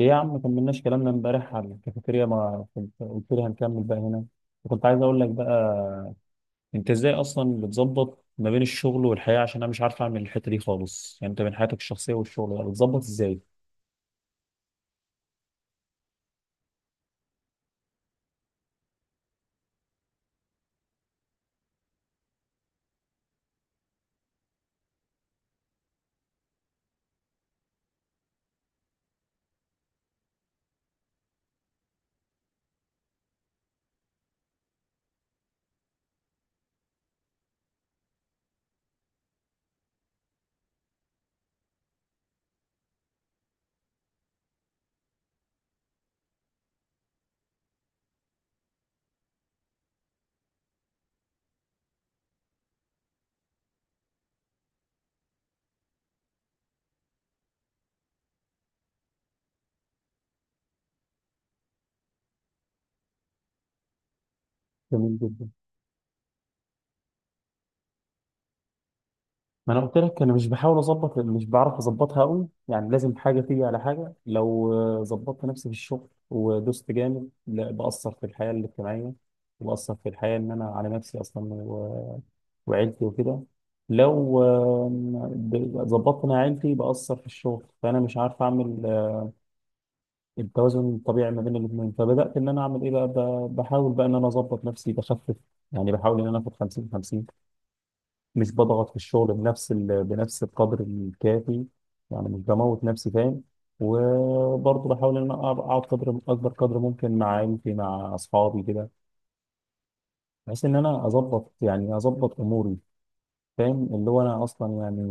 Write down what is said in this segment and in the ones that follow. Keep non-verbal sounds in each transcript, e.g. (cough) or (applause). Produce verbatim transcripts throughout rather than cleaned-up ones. ايه يا عم كملناش كلامنا امبارح على الكافيتيريا، ما كنت قلت لي هنكمل بقى هنا؟ وكنت عايز اقول لك بقى، انت ازاي اصلا بتظبط ما بين الشغل والحياه؟ عشان انا مش عارف اعمل الحته دي خالص. يعني انت بين حياتك الشخصيه والشغل بقى بتظبط ازاي؟ جميل جدا. ما انا قلت لك انا مش بحاول اظبط، مش بعرف اظبطها قوي. يعني لازم حاجه تيجي على حاجه. لو آه، ظبطت نفسي في الشغل ودوست جامد، لا بأثر في الحياه الاجتماعيه وبأثر في الحياه ان انا على نفسي اصلا وعيلتي وكده. لو آم، ب- ظبطت انا عيلتي بأثر في الشغل، فانا مش عارف اعمل آه، التوازن الطبيعي ما بين الاثنين. فبدأت ان انا اعمل ايه بقى، ب- بحاول بقى ان انا اظبط نفسي، بخفف. يعني بحاول ان انا اخد خمسين خمسين. مش بضغط في الشغل بنفس ال... بنفس القدر الكافي. يعني مش بموت نفسي، فاهم؟ وبرضه بحاول ان انا أقعد أقعد قدر اكبر قدر ممكن مع عيلتي مع اصحابي كده، بحيث ان انا اظبط يعني اظبط اموري. فاهم؟ اللي هو انا اصلا يعني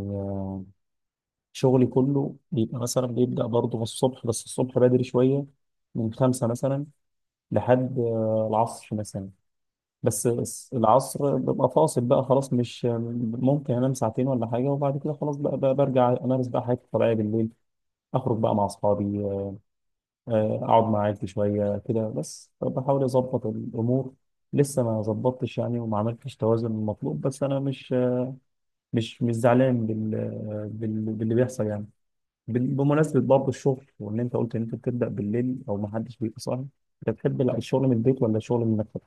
شغلي كله بيبقى مثلا بيبدأ برضه من الصبح، بس الصبح بدري شوية، من خمسة مثلا لحد آه، العصر مثلا. بس بس العصر ببقى فاصل بقى خلاص، مش ممكن. أنام ساعتين ولا حاجة، وبعد كده خلاص بقى, بقى برجع أمارس بقى حياتي الطبيعية بالليل، أخرج بقى مع أصحابي، آه، أقعد مع عيلتي شوية كده. بس بحاول أظبط الأمور. لسه ما ظبطتش يعني وما عملتش توازن المطلوب، بس أنا مش مش مش زعلان بال... بال... باللي بيحصل يعني. بال- بمناسبة برضه الشغل، وإن أنت قلت إن أنت بتبدأ بالليل أو ما حدش بيبقى صاحي، أنت بتحب لا الشغل من البيت ولا الشغل من المكتب؟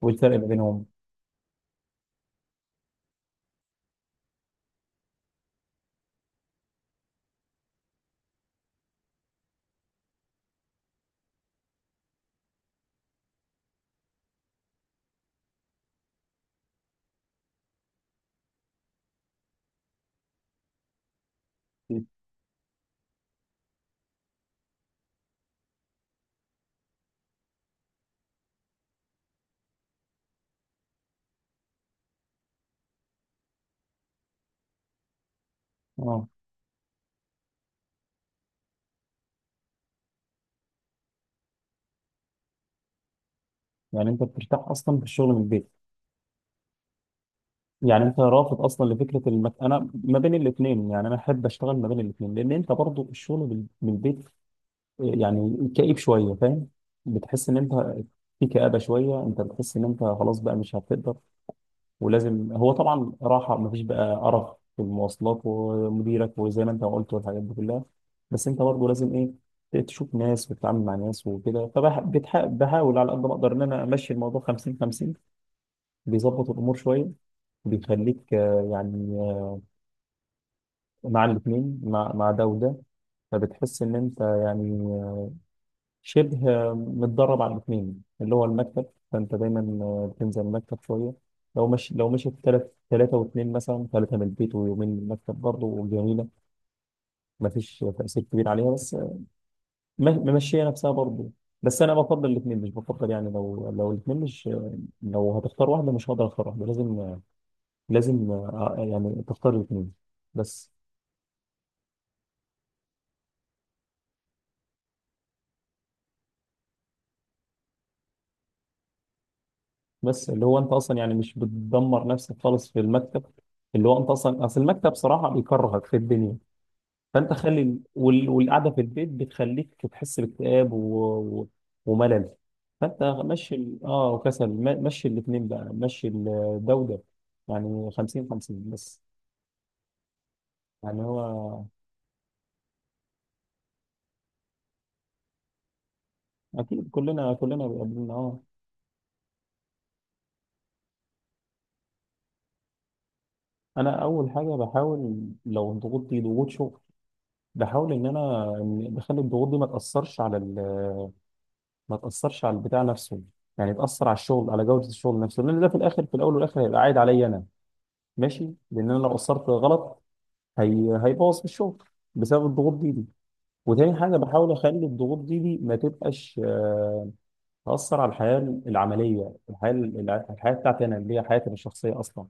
والفرق ما بينهم؟ آه. يعني أنت بترتاح أصلا في الشغل من البيت، يعني أنت رافض أصلا لفكرة المك... أنا ما بين الاتنين. يعني أنا أحب أشتغل ما بين الاتنين، لأن أنت برضه الشغل بال- من البيت آه، يعني كئيب شوية، فاهم؟ بتحس إن أنت في كآبة شوية، أنت بتحس إن أنت خلاص بقى مش هتقدر. ولازم هو طبعا راحه، مفيش بقى قرف في المواصلات ومديرك وزي ما انت ما قلت والحاجات دي كلها. بس انت برضه لازم ايه، تشوف ناس وتتعامل مع ناس وكده. فبحاول على قد ما اقدر ان انا امشي الموضوع خمسين خمسين. بيظبط الامور شويه، بيخليك آه، يعني آه، مع الاثنين، مع مع ده وده. فبتحس ان انت يعني شبه آه، متدرب على الاثنين اللي هو المكتب. فانت دايما آه، بتنزل المكتب شويه. لو مش لو مشيت ثلاث ثلاثه واثنين مثلا، ثلاثه من البيت ويومين من المكتب، برضه جميله. ما فيش تاثير كبير عليها، بس آه، م- ممشيه نفسها برضه. بس انا بفضل الاثنين، مش بفضل يعني، لو لو الاثنين مش، آه، لو هتختار واحده مش هقدر اختار واحده، لازم آه، لازم آه، يعني تختار الاثنين بس. بس اللي هو انت اصلا يعني مش بتدمر نفسك خالص في المكتب، اللي هو انت اصلا اصل المكتب صراحه بيكرهك في الدنيا. فانت خلي ال- وال- والقعده في البيت بتخليك تحس باكتئاب و... و... وملل. فانت مشي ال... اه وكسل، م- مشي الاثنين بقى، مشي ال- ده وده. يعني خمسين خمسين بس. يعني هو اكيد كلنا كلنا بيقابلنا، اه. انا اول حاجه بحاول، لو الضغوط دي ضغوط شغل، بحاول ان انا إن بخلي الضغوط دي ما تاثرش على ال... ما تاثرش على البتاع نفسه. يعني تاثر على الشغل، على جوده الشغل نفسه، لان ده في الاخر، في الاول والاخر هيبقى عايد عليا انا. ماشي. لان انا لو قصرت غلط، هي هيبوظ في الشغل بسبب الضغوط دي دي. وتاني حاجه بحاول اخلي الضغوط دي دي ما تبقاش آه، تاثر على الحياه العمليه، الحياه الع- الحياه بتاعتي انا، اللي هي حياتي الشخصيه اصلا.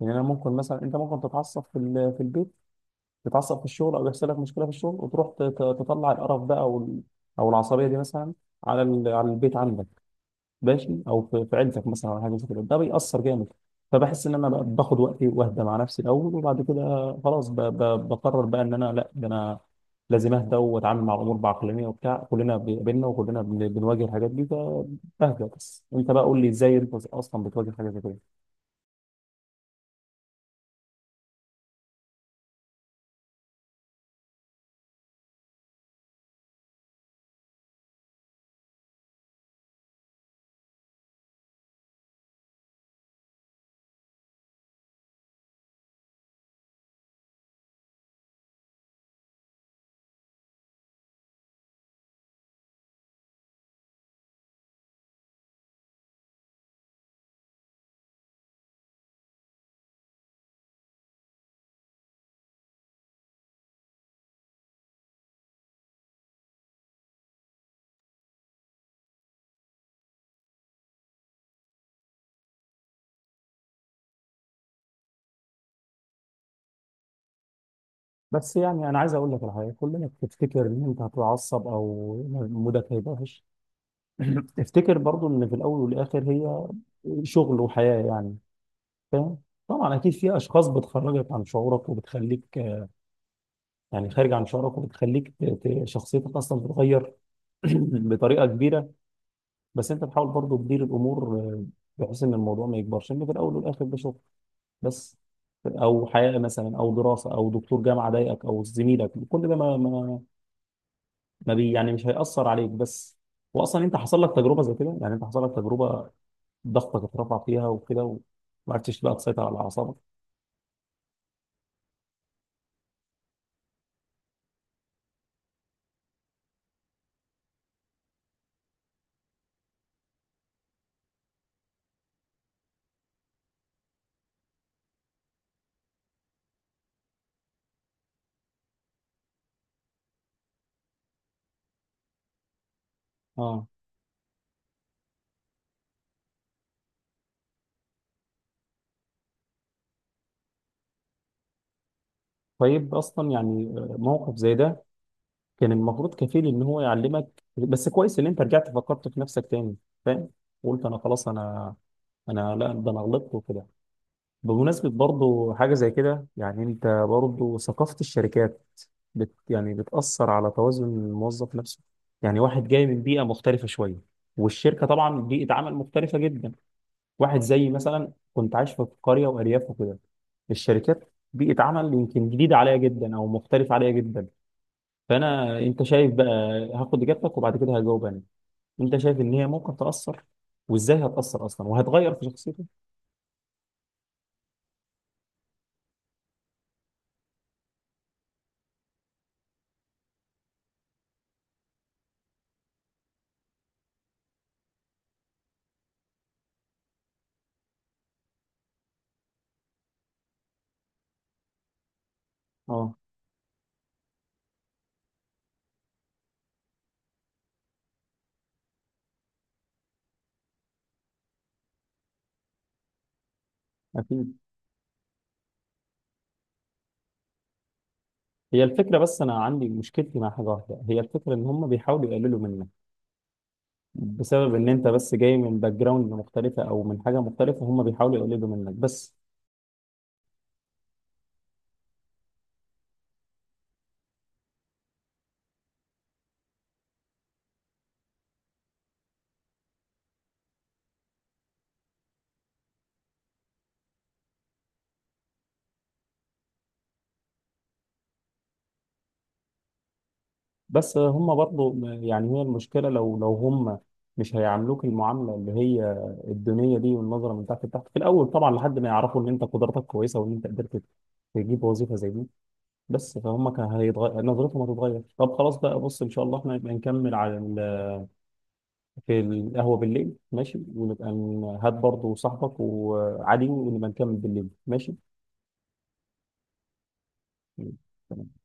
لان انا ممكن مثلا، انت ممكن تتعصب في ال- في البيت، تتعصب في الشغل او يحصل لك مشكله في الشغل وتروح ت- ت- تطلع القرف ده او ال- او العصبيه دي مثلا، على ال- على البيت عندك، ماشي، او في في عيلتك مثلا او حاجه زي كده. ده بيأثر جامد. فبحس ان انا بقى باخد وقتي واهدى مع نفسي الاول، وبعد كده خلاص ب- ب- بقرر بقى ان انا لا، ده انا لازم اهدى واتعامل مع الامور بعقلانيه وبتاع. كلنا بيقابلنا وكلنا بن- بنواجه الحاجات دي، فبهدى. بس انت بقى قول لي ازاي انت اصلا بتواجه حاجه زي كده. بس يعني انا عايز اقول لك على حاجه. كلنا بتفتكر ان انت هتتعصب او مودك هيبقى وحش. (clears throat) افتكر برضو ان في الاول والاخر هي شغل وحياه يعني، فاهم؟ طبعا اكيد في اشخاص بتخرجك عن شعورك وبتخليك آه، يعني خارج عن شعورك، وبتخليك ت- ت- شخصيتك اصلا تتغير، (clears throat) بطريقه كبيره. بس انت بتحاول برضه تدير الامور آه، بحيث ان الموضوع ما يكبرش، ان في الاول والاخر ده شغل بس. او حياه مثلا او دراسه او دكتور جامعه ضايقك او زميلك، كل ده ما ما ما بي يعني مش هيأثر عليك بس. واصلا انت حصل لك تجربه زي كده، يعني انت حصل لك تجربه ضغطك اترفع فيها وكده، وما عرفتش بقى تسيطر على اعصابك. اه. طيب اصلا يعني، موقف زي ده كان المفروض كفيل ان هو يعلمك، بس كويس ان انت رجعت فكرت في نفسك تاني، فاهم؟ قلت انا خلاص، انا انا لا، ده انا غلطت وكده. بمناسبة برضو حاجة زي كده، يعني انت برضو ثقافة الشركات بت يعني بتأثر على توازن الموظف نفسه. يعني واحد جاي من بيئة مختلفة شوية، والشركة طبعا بيئة عمل مختلفة جدا. واحد زي مثلا كنت عايش في قرية وأرياف وكده، الشركات بيئة عمل يمكن جديدة عليا جدا أو مختلفة عليا جدا. فانا، انت شايف بقى، هاخد اجابتك وبعد كده هجاوب انا. انت شايف ان هي ممكن تاثر، وازاي هتاثر اصلا وهتغير في شخصيته؟ اه اكيد. هي الفكره، بس انا عندي مشكلتي مع حاجه واحده، هي الفكره ان هم بيحاولوا يقللوا منك بسبب ان انت بس جاي من باك جراوند مختلفه او من حاجه مختلفه. هم بيحاولوا يقللوا منك بس. بس هم برضو يعني، هي المشكلة لو لو هم مش هيعاملوك المعاملة اللي هي الدونية دي والنظرة من تحت لتحت في الأول طبعا، لحد ما يعرفوا إن أنت قدراتك كويسة وإن أنت قدرت تجيب وظيفة زي دي. بس فهم كان هيتغير، نظرتهم هتتغير. طب خلاص بقى، بص إن شاء الله إحنا نبقى نكمل على ال... في القهوة بالليل، ماشي؟ ونبقى ن- هات برضو صاحبك وعادي، ونبقى نكمل بالليل، ماشي. تمام.